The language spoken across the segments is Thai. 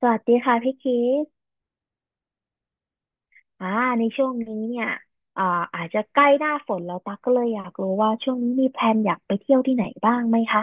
สวัสดีค่ะพี่คิดอ่าในช่วงนี้เนี่ยอ่าอาจจะใกล้หน้าฝนแล้วตั๊กก็เลยอยากรู้ว่าช่วงนี้มีแพลนอยากไปเที่ยวที่ไหนบ้างไหมคะ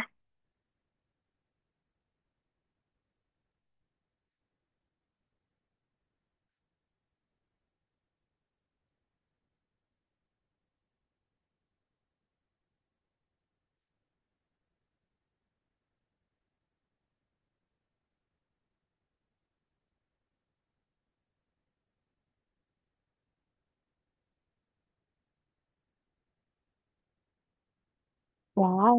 ว้าว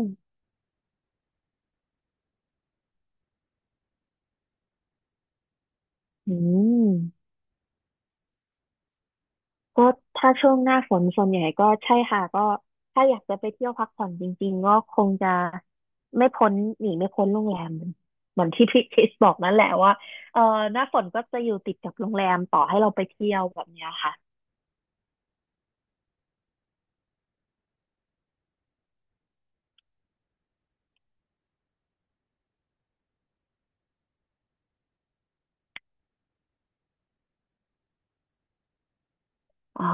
อืมก็ถ้าช่วงหน้าฝนส่วนใหญ่ก็ใช่ค่ะก็ถ้าอยากจะไปเที่ยวพักผ่อนจริงๆก็คงจะไม่พ้นหนีไม่พ้นโรงแรม เหมือนที่พี่คริสบอกนั่นแหละว่าเออหน้าฝนก็จะอยู่ติดกับโรงแรมต่อให้เราไปเที่ยวแบบเนี้ยค่ะอ๋อ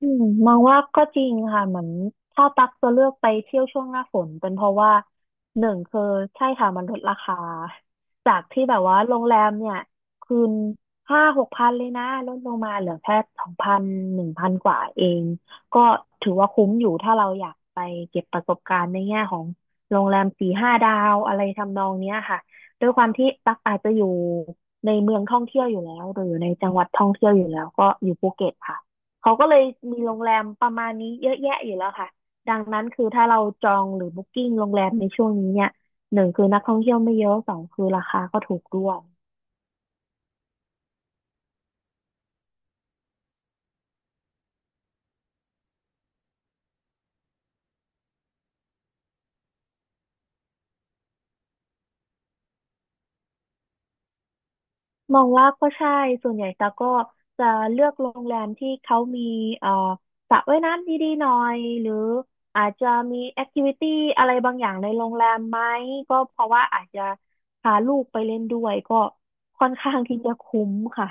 อืมมองว่าก็จริงค่ะเหมือนถ้าตักจะเลือกไปเที่ยวช่วงหน้าฝนเป็นเพราะว่าหนึ่งคือใช่ค่ะมันลดราคาจากที่แบบว่าโรงแรมเนี่ยคืนห้าหกพันเลยนะลดลงมาเหลือแค่สองพันหนึ่งพันกว่าเองก็ถือว่าคุ้มอยู่ถ้าเราอยากไปเก็บประสบการณ์ในแง่ของโรงแรมสี่ห้าดาวอะไรทำนองเนี้ยค่ะด้วยความที่ตักอาจจะอยู่ในเมืองท่องเที่ยวอยู่แล้วหรืออยู่ในจังหวัดท่องเที่ยวอยู่แล้วก็อยู่ภูเก็ตค่ะ เขาก็เลยมีโรงแรมประมาณนี้เยอะแยะอยู่แล้วค่ะดังนั้นคือถ้าเราจองหรือบุ๊กิ้งโรงแรมในช่วงนี้เนี่ยหนึ่งคือนักท่องเที่ยวไม่เยอะสองคือราคาก็ถูกด้วยมองว่าก็ใช่ส่วนใหญ่ตาจะเลือกโรงแรมที่เขามีเอ่อสระว่ายน้ำดีๆหน่อยหรืออาจจะมีแอคทิวิตี้อะไรบางอย่างในโรงแรมไหมก็เพราะว่าอาจจะพาลูกไปเล่นด้วยก็ค่อนข้างที่จะคุ้มค่ะ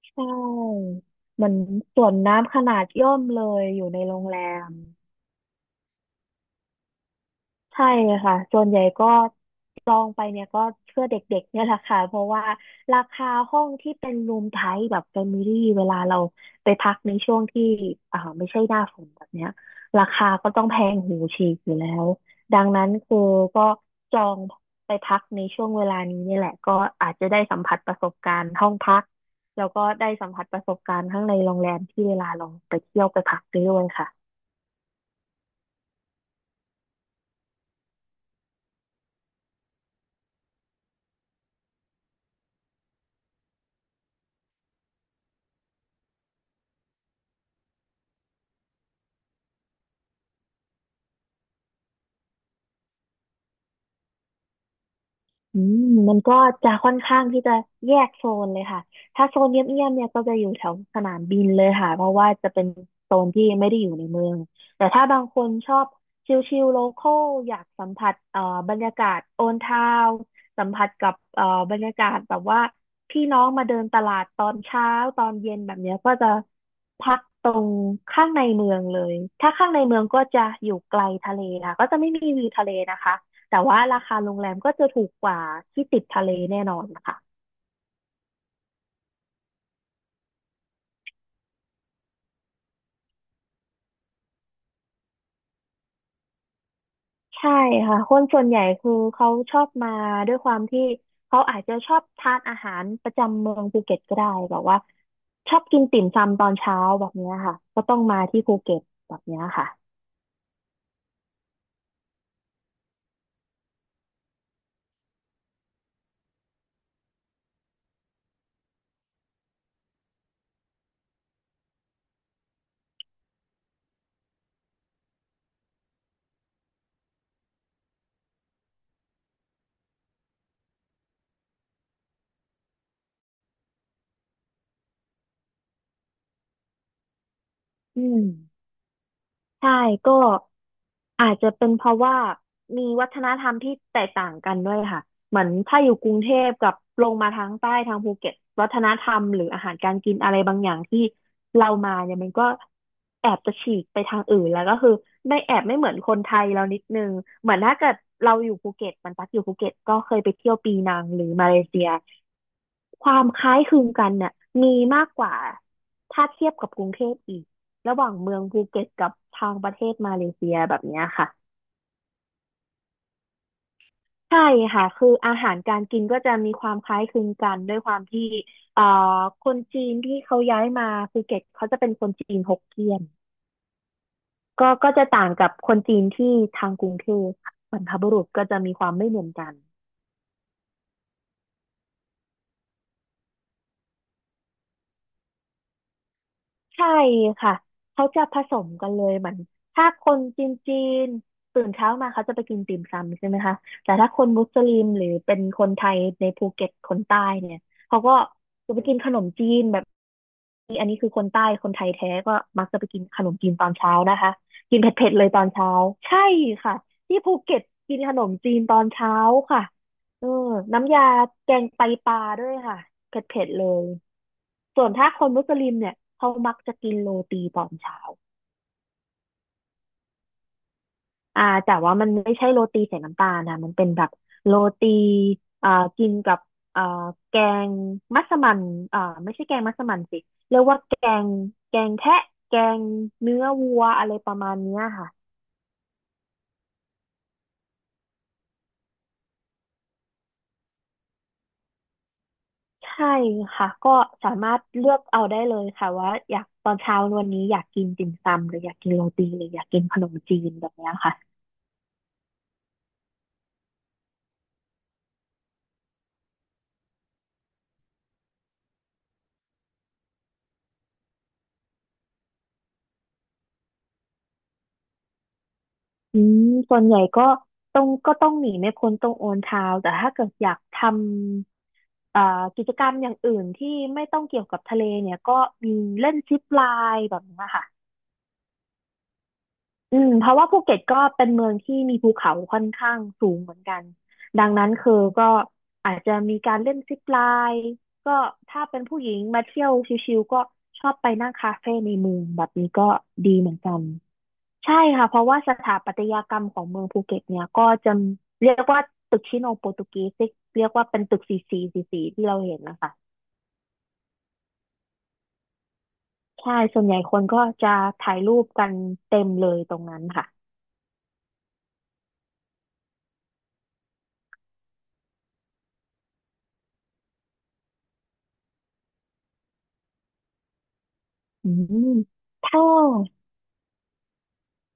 ใช่เหมือนสวนน้ำขนาดย่อมเลยอยู่ในโรงแรม ใช่ค่ะส่วนใหญ่ก็จองไปเนี่ยก็เพื่อเด็กๆเนี่ยแหละค่ะเพราะว่าราคาห้องที่เป็นรูมไทป์แบบแฟมิลี่เวลาเราไปพักในช่วงที่ไม่ใช่หน้าฝนแบบเนี้ยราคาก็ต้องแพงหูฉีกอยู่แล้วดังนั้นคือก็จองไปพักในช่วงเวลานี้เนี่ยแหละก็อาจจะได้สัมผัสประสบการณ์ห้องพักแล้วก็ได้สัมผัสประสบการณ์ข้างในโรงแรมที่เวลาเราไปเที่ยวไปพักไปด้วยค่ะ อืมมันก็จะค่อนข้างที่จะแยกโซนเลยค่ะถ้าโซนเงียบๆเนี่ยก็จะอยู่แถวสนามบินเลยค่ะเพราะว่าจะเป็นโซนที่ไม่ได้อยู่ในเมืองแต่ถ้าบางคนชอบชิลๆโลคอลอยากสัมผัสบรรยากาศโอนทาวสัมผัสกับบรรยากาศแบบว่าพี่น้องมาเดินตลาดตอนเช้าตอนเย็นแบบเนี้ยก็จะพักตรงข้างในเมืองเลยถ้าข้างในเมืองก็จะอยู่ไกลทะเลค่ะก็จะไม่มีวิวทะเลนะคะ แต่ว่าราคาโรงแรมก็จะถูกกว่าที่ติดทะเลแน่นอนนะคะใช่ค่ะคนส่วนใหญ่คือเขาชอบมาด้วยความที่เขาอาจจะชอบทานอาหารประจำเมืองภูเก็ตก็ได้แบบว่าชอบกินติ่มซำตอนเช้าแบบเนี้ยค่ะก็ต้องมาที่ภูเก็ตแบบเนี้ยค่ะอืม ใช่ก็อาจจะเป็นเพราะว่ามีวัฒนธรรมที่แตกต่างกันด้วยค่ะเหมือนถ้าอยู่กรุงเทพกับลงมาทางใต้ทางภูเก็ตวัฒนธรรมหรืออาหารการกินอะไรบางอย่างที่เรามาเนี่ยมันก็แอบจะฉีกไปทางอื่นแล้วก็คือไม่แอบไม่เหมือนคนไทยเรานิดนึงเหมือนถ้าเกิดเราอยู่ภูเก็ตมันตักอยู่ภูเก็ตก็เคยไปเที่ยวปีนังหรือมาเลเซียความคล้ายคลึงกันเนี่ยมีมากกว่าถ้าเทียบกับกรุงเทพอีก ระหว่างเมืองภูเก็ตกับทางประเทศมาเลเซียแบบเนี้ยค่ะใช่ค่ะคืออาหารการกินก็จะมีความคล้ายคลึงกันด้วยความที่เอ่อคนจีนที่เขาย้ายมาภูเก็ตเขาจะเป็นคนจีนฮกเกี้ยนก็จะต่างกับคนจีนที่ทางกรุงเทพค่ะบรรพบุรุษก็จะมีความไม่เหมือนกัน ใช่ค่ะเขาจะผสมกันเลยเหมือนถ้าคนจีนจีนตื่นเช้ามาเขาจะไปกินติ่มซำใช่ไหมคะแต่ถ้าคนมุสลิมหรือเป็นคนไทยในภูเก็ตคนใต้เนี่ยเขาก็จะไปกินขนมจีนแบบ คือคนใต้คนไทยแท้ก็มักจะไปกินขนมจีนตอนเช้านะคะกินเผ็ดๆเลยตอนเช้าใช่ค่ะที่ภูเก็ตกินขนมจีนตอนเช้าค่ะเออน้ำยาแกงไตปลาด้วยค่ะเผ็ดๆเลยส่วนถ้าคนมุสลิมเนี่ยเขามักจะกินโรตีตอนเช้า แต่ว่ามันไม่ใช่โรตีใส่น้ำตาลนะมันเป็นแบบโรตีอ่ากินกับอ่าแกงมัสมั่นไม่ใช่แกงมัสมั่นสิเรียกว่าแกงแทะแกงเนื้อวัวอะไรประมาณเนี้ยค่ะใช่ค่ะก็สามารถเลือกเอาได้เลยค่ะว่าอยากตอนเช้าวันนี้อยากกินติ่มซำหรืออยากกินโรตีหรืออยากกินขนมจีนแบบเนี้ยค่ะอืมส่วนใหญ่ก็ต้องหนีไม่พ้นตรงโอนเท้าแต่ถ้าเกิดอยากทำ อ่ากิจกรรมอย่างอื่นที่ไม่ต้องเกี่ยวกับทะเลเนี่ยก็มีเล่นซิปไลน์แบบนี้ค่ะอืมเพราะว่าภูเก็ตก็เป็นเมืองที่มีภูเขาค่อนข้างสูงเหมือนกันดังนั้นคือก็อาจจะมีการเล่นซิปไลน์ก็ถ้าเป็นผู้หญิงมาเที่ยวชิลๆก็ชอบไปนั่งคาเฟ่ในเมืองแบบนี้ก็ดีเหมือนกันใช่ค่ะเพราะว่าสถาปัตยกรรมของเมืองภูเก็ตเนี่ยก็จะเรียกว่าตึกชิโนโปรตุเกสที่เรียกว่าเป็นตึกสีสีที่เราเห็นนะคะ ใช่ส่วนใหญ่คนก็จะถ่ายรูปกันเต็มเลยตรงนั้นค่ะอืมถ้า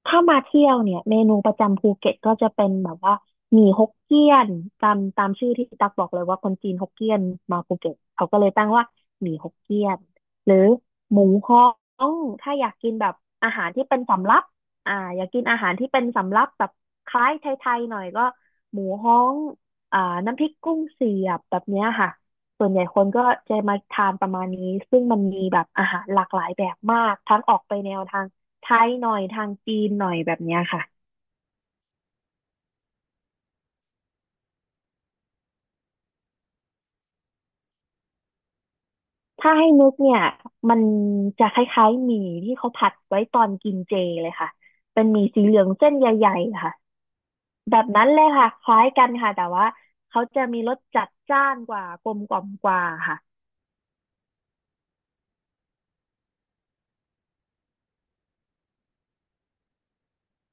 ถ้ามาเที่ยวเนี่ยเมนูประจำภูเก็ตก็จะเป็นแบบว่าหมี่ฮกเกี้ยนตามชื่อที่ตักบอกเลยว่าคนจีนฮกเกี้ยนมาภูเก็ตเขาก็เลยตั้งว่าหมี่ฮกเกี้ยนหรือหมูฮ้องถ้าอยากกินแบบอาหารที่เป็นสำรับอยากกินอาหารที่เป็นสำรับแบบคล้ายไทยๆหน่อยก็หมูฮ้องอ่าน้ำพริกกุ้งเสียบแบบเนี้ยค่ะส่วนใหญ่คนก็จะมาทานประมาณนี้ซึ่งมันมีแบบอาหารหลากหลายแบบมากทั้งออกไปแนวทาง ไทยหน่อยทางจีนหน่อยแบบเนี้ยค่ะ ถ้าให้นึกเนี่ยมันจะคล้ายๆหมี่ที่เขาผัดไว้ตอนกินเจเลยค่ะ เป็นหมี่สีเหลืองเส้นใหญ่ๆค่ะแบบนั้นเลยค่ะคล้ายกันค่ะแต่ว่าเขาจะมีรสจัดจ้านกว่ากลมกล่อมกว่าค่ะ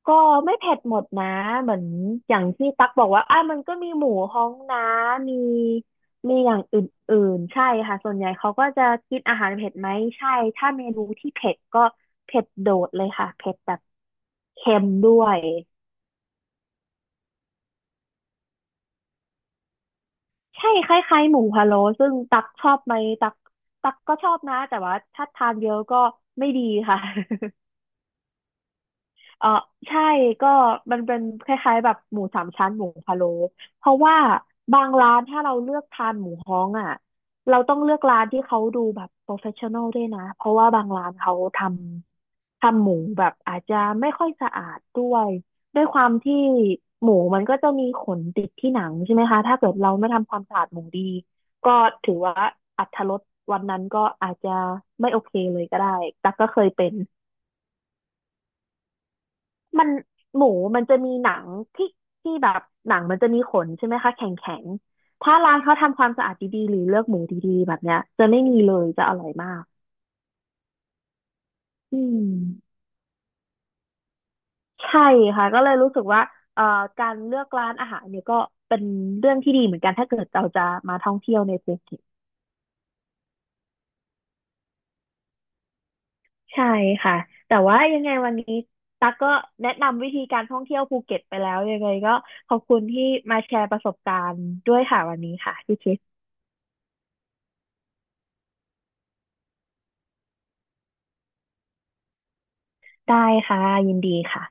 ก็ไม่เผ็ดหมดนะเหมือนอย่างที่ตักบอกว่าอ่ะมันก็มีหมูฮ้องนะมีมีอย่างอื่นๆใช่ค่ะส่วนใหญ่เขาก็จะกินอาหารเผ็ดไหมใช่ถ้าเมนูที่เผ็ดก็เผ็ดโดดเลยค่ะเผ็ดแบบเค็มด้วยใช่คล้ายๆหมูพะโล้ซึ่งตักชอบไหมตักตักก็ชอบนะแต่ว่าถ้าทานเยอะก็ไม่ดีค่ะ เออใช่ก็มันเป็นคล้ายๆแบบหมูสามชั้นหมูพะโล้เพราะว่าบางร้านถ้าเราเลือกทานหมูฮ้องอ่ะเราต้องเลือกร้านที่เขาดูแบบโปรเฟชชั่นอลด้วยนะเพราะว่าบางร้านเขาทำหมูแบบอาจจะไม่ค่อยสะอาดด้วยด้วยความที่หมูมันก็จะมีขนติดที่หนังใช่ไหมคะถ้าเกิดเราไม่ทำความสะอาดหมูดีก็ถือว่าอรรถรสวันนั้นก็อาจจะไม่โอเคเลยก็ได้ตักก็เคยเป็น มันหมูมันจะมีหนังที่ที่แบบหนังมันจะมีขนใช่ไหมคะแข็งแข็งถ้าร้านเขาทำความสะอาดดีๆหรือเลือกหมูดีๆแบบเนี้ยจะไม่มีเลยจะอร่อยมากอืมใช่ค่ะก็เลยรู้สึกว่าเอ่อการเลือกร้านอาหารเนี่ยก็เป็นเรื่องที่ดีเหมือนกันถ้าเกิดเราจะมาท่องเที่ยวในภูเก็ตใช่ค่ะแต่ว่ายังไงวันนี้ตั๊กก็แนะนำวิธีการท่องเที่ยวภูเก็ตไปแล้วยังไงก็ขอบคุณที่มาแชร์ประสบการณ์ด้วยค่ะวันนี้ค่ะพี่คิดได้ค่ะยินดีค่ะ